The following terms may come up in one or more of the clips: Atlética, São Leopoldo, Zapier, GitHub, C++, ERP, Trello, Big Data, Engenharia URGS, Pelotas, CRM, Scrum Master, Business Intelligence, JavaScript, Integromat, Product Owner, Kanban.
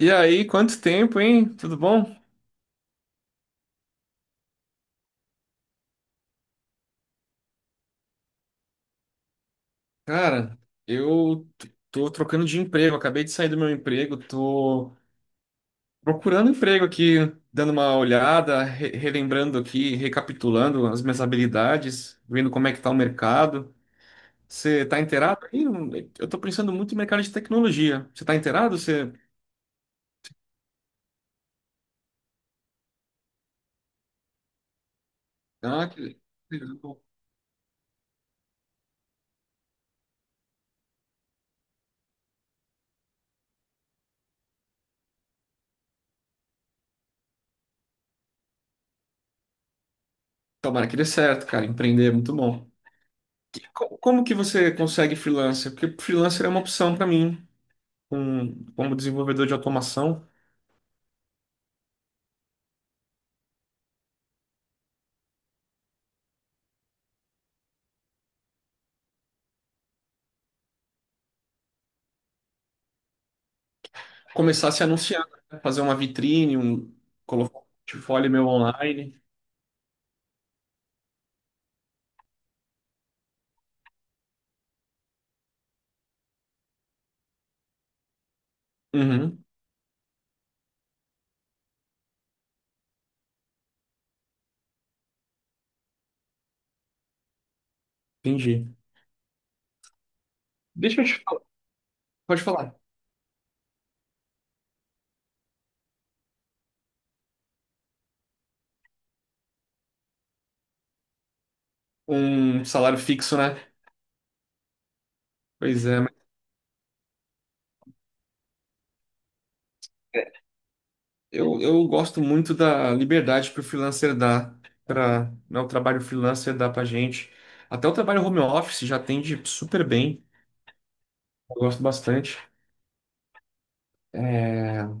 E aí, quanto tempo, hein? Tudo bom? Cara, eu tô trocando de emprego, acabei de sair do meu emprego, tô procurando emprego aqui, dando uma olhada, relembrando aqui, recapitulando as minhas habilidades, vendo como é que tá o mercado. Você tá inteirado aí? Eu tô pensando muito em mercado de tecnologia. Você tá inteirado? Você... Ah, que... Tomara que dê certo, cara. Empreender é muito bom. Como que você consegue freelancer? Porque freelancer é uma opção pra mim, como desenvolvedor de automação, começar a se anunciar, né? Fazer uma vitrine, um, colocar um portfólio meu online. Uhum, entendi. Deixa eu te falar, pode falar. Um salário fixo, né? Pois é, mas eu gosto muito da liberdade que o freelancer dá para, né, o trabalho freelancer dá pra gente. Até o trabalho home office já atende super bem. Eu gosto bastante. É,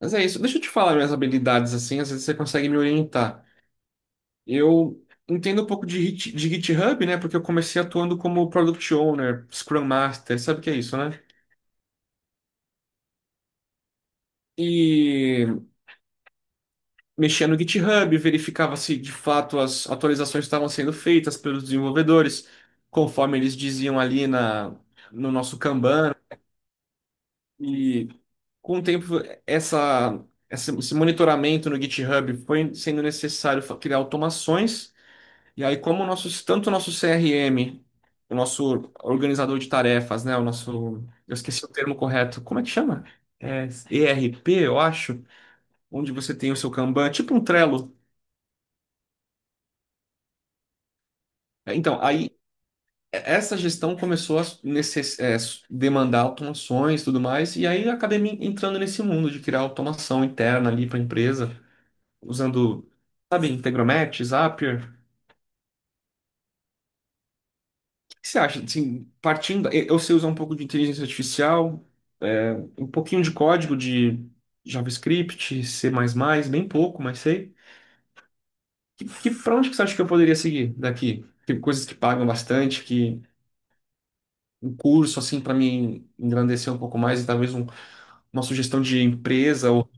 mas é isso. Deixa eu te falar minhas habilidades assim, às vezes você consegue me orientar. Eu entendo um pouco de GitHub, né? Porque eu comecei atuando como Product Owner, Scrum Master, sabe o que é isso, né? E mexia no GitHub, verificava se de fato as atualizações estavam sendo feitas pelos desenvolvedores, conforme eles diziam ali no nosso Kanban. E com o tempo, essa, esse monitoramento no GitHub foi sendo necessário criar automações. E aí, como o nosso, tanto o nosso CRM, o nosso organizador de tarefas, né? O nosso. Eu esqueci o termo correto. Como é que chama? É, ERP, eu acho. Onde você tem o seu Kanban, tipo um Trello. É, então, aí essa gestão começou a demandar automações e tudo mais. E aí eu acabei me entrando nesse mundo de criar automação interna ali para a empresa, usando, sabe, Integromat, Zapier. O que você acha? Assim, partindo, eu sei usar um pouco de inteligência artificial, é, um pouquinho de código de JavaScript, C++, bem pouco, mas sei. Pra onde que você acha que eu poderia seguir daqui? Tem coisas que pagam bastante, que um curso, assim, para me engrandecer um pouco mais, e talvez uma sugestão de empresa. Ou...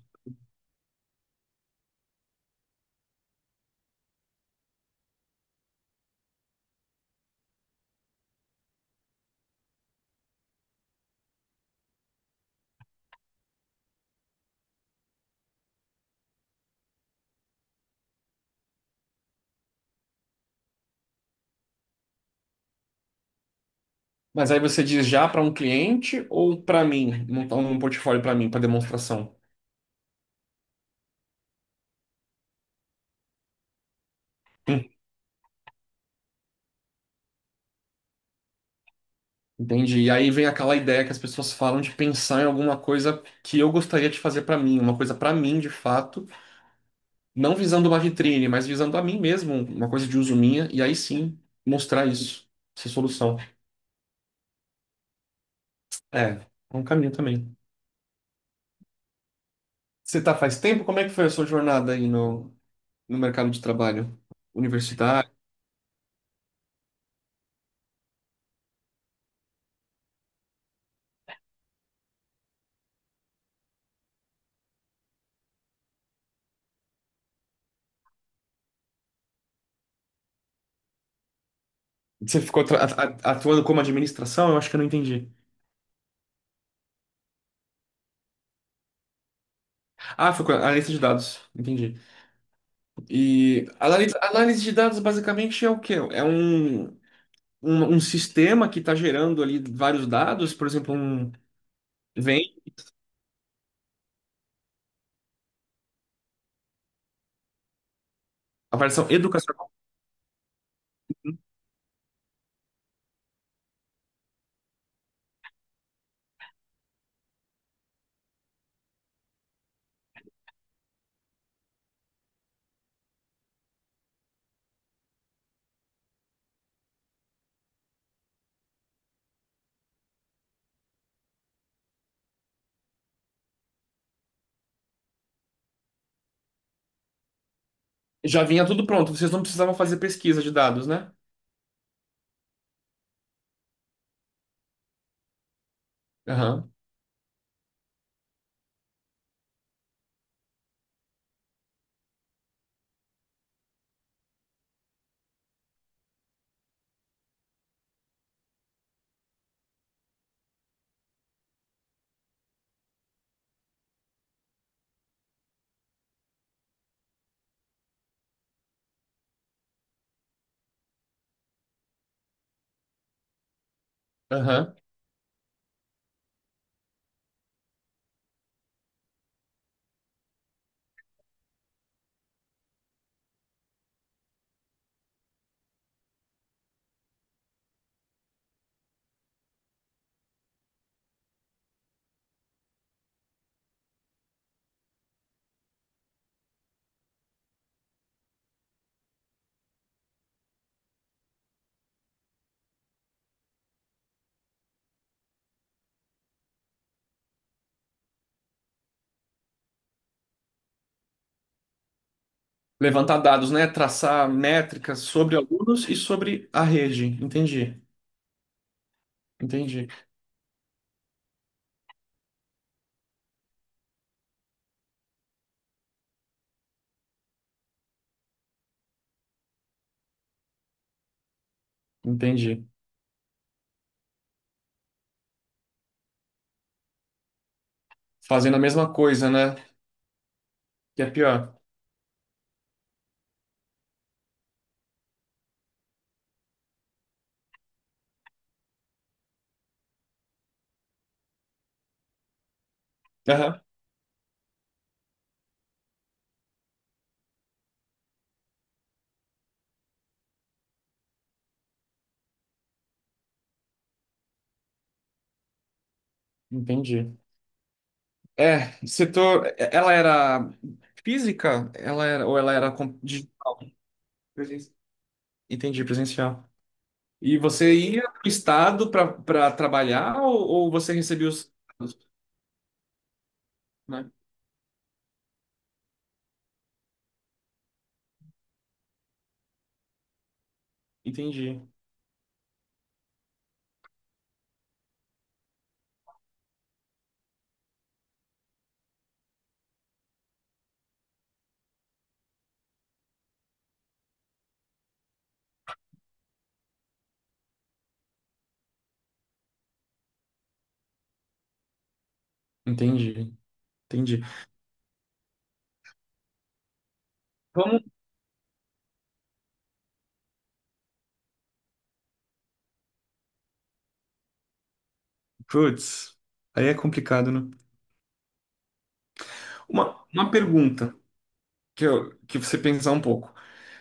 Mas aí você diz já para um cliente ou para mim, montar um portfólio para mim, para demonstração? Entendi. E aí vem aquela ideia que as pessoas falam de pensar em alguma coisa que eu gostaria de fazer para mim, uma coisa para mim de fato, não visando uma vitrine, mas visando a mim mesmo, uma coisa de uso minha, e aí sim mostrar isso, essa solução. É um caminho também. Você tá faz tempo? Como é que foi a sua jornada aí no mercado de trabalho? Universidade? Você ficou atuando como administração? Eu acho que eu não entendi. Ah, foi com analista de dados. Entendi. E análise de dados basicamente é o quê? É um sistema que está gerando ali vários dados, por exemplo, um, vem a versão educacional, já vinha tudo pronto, vocês não precisavam fazer pesquisa de dados, né? Aham, aham. Levantar dados, né? Traçar métricas sobre alunos e sobre a rede. Entendi, entendi, entendi. Fazendo a mesma coisa, né? Que é pior. Aham, entendi. É, setor. Ela era física? Ela era, ou ela era de... Presencial. Entendi, presencial. E você ia para o estado para trabalhar, ou você recebia os salários, né? Entendi. Entendi. Entendi. Vamos. Putz, aí é complicado, né? Uma pergunta que, eu, que você pensar um pouco.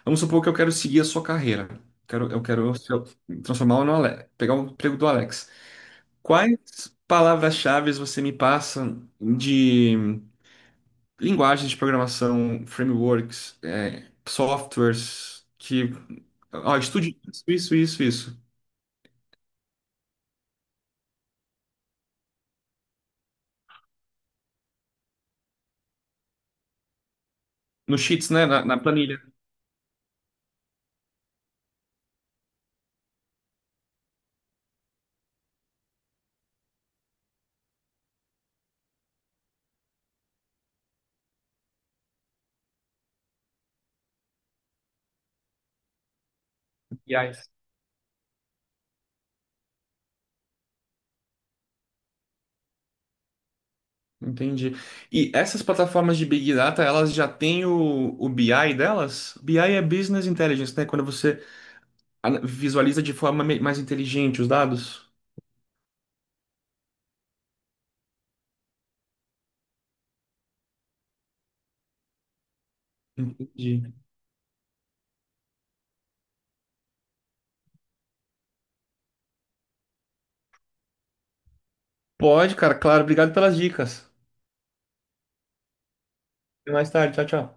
Vamos supor que eu quero seguir a sua carreira. Eu quero se eu transformar no Alex, pegar o emprego do Alex. Quais palavras-chave você me passa de linguagens de programação, frameworks, softwares que. Ó, estude isso, isso, isso, isso. Nos sheets, né? Na planilha. BIs. Entendi. E essas plataformas de Big Data, elas já têm o BI delas? BI é Business Intelligence, né? Quando você visualiza de forma mais inteligente os dados. Entendi. Pode, cara, claro. Obrigado pelas dicas. Até mais tarde. Tchau, tchau.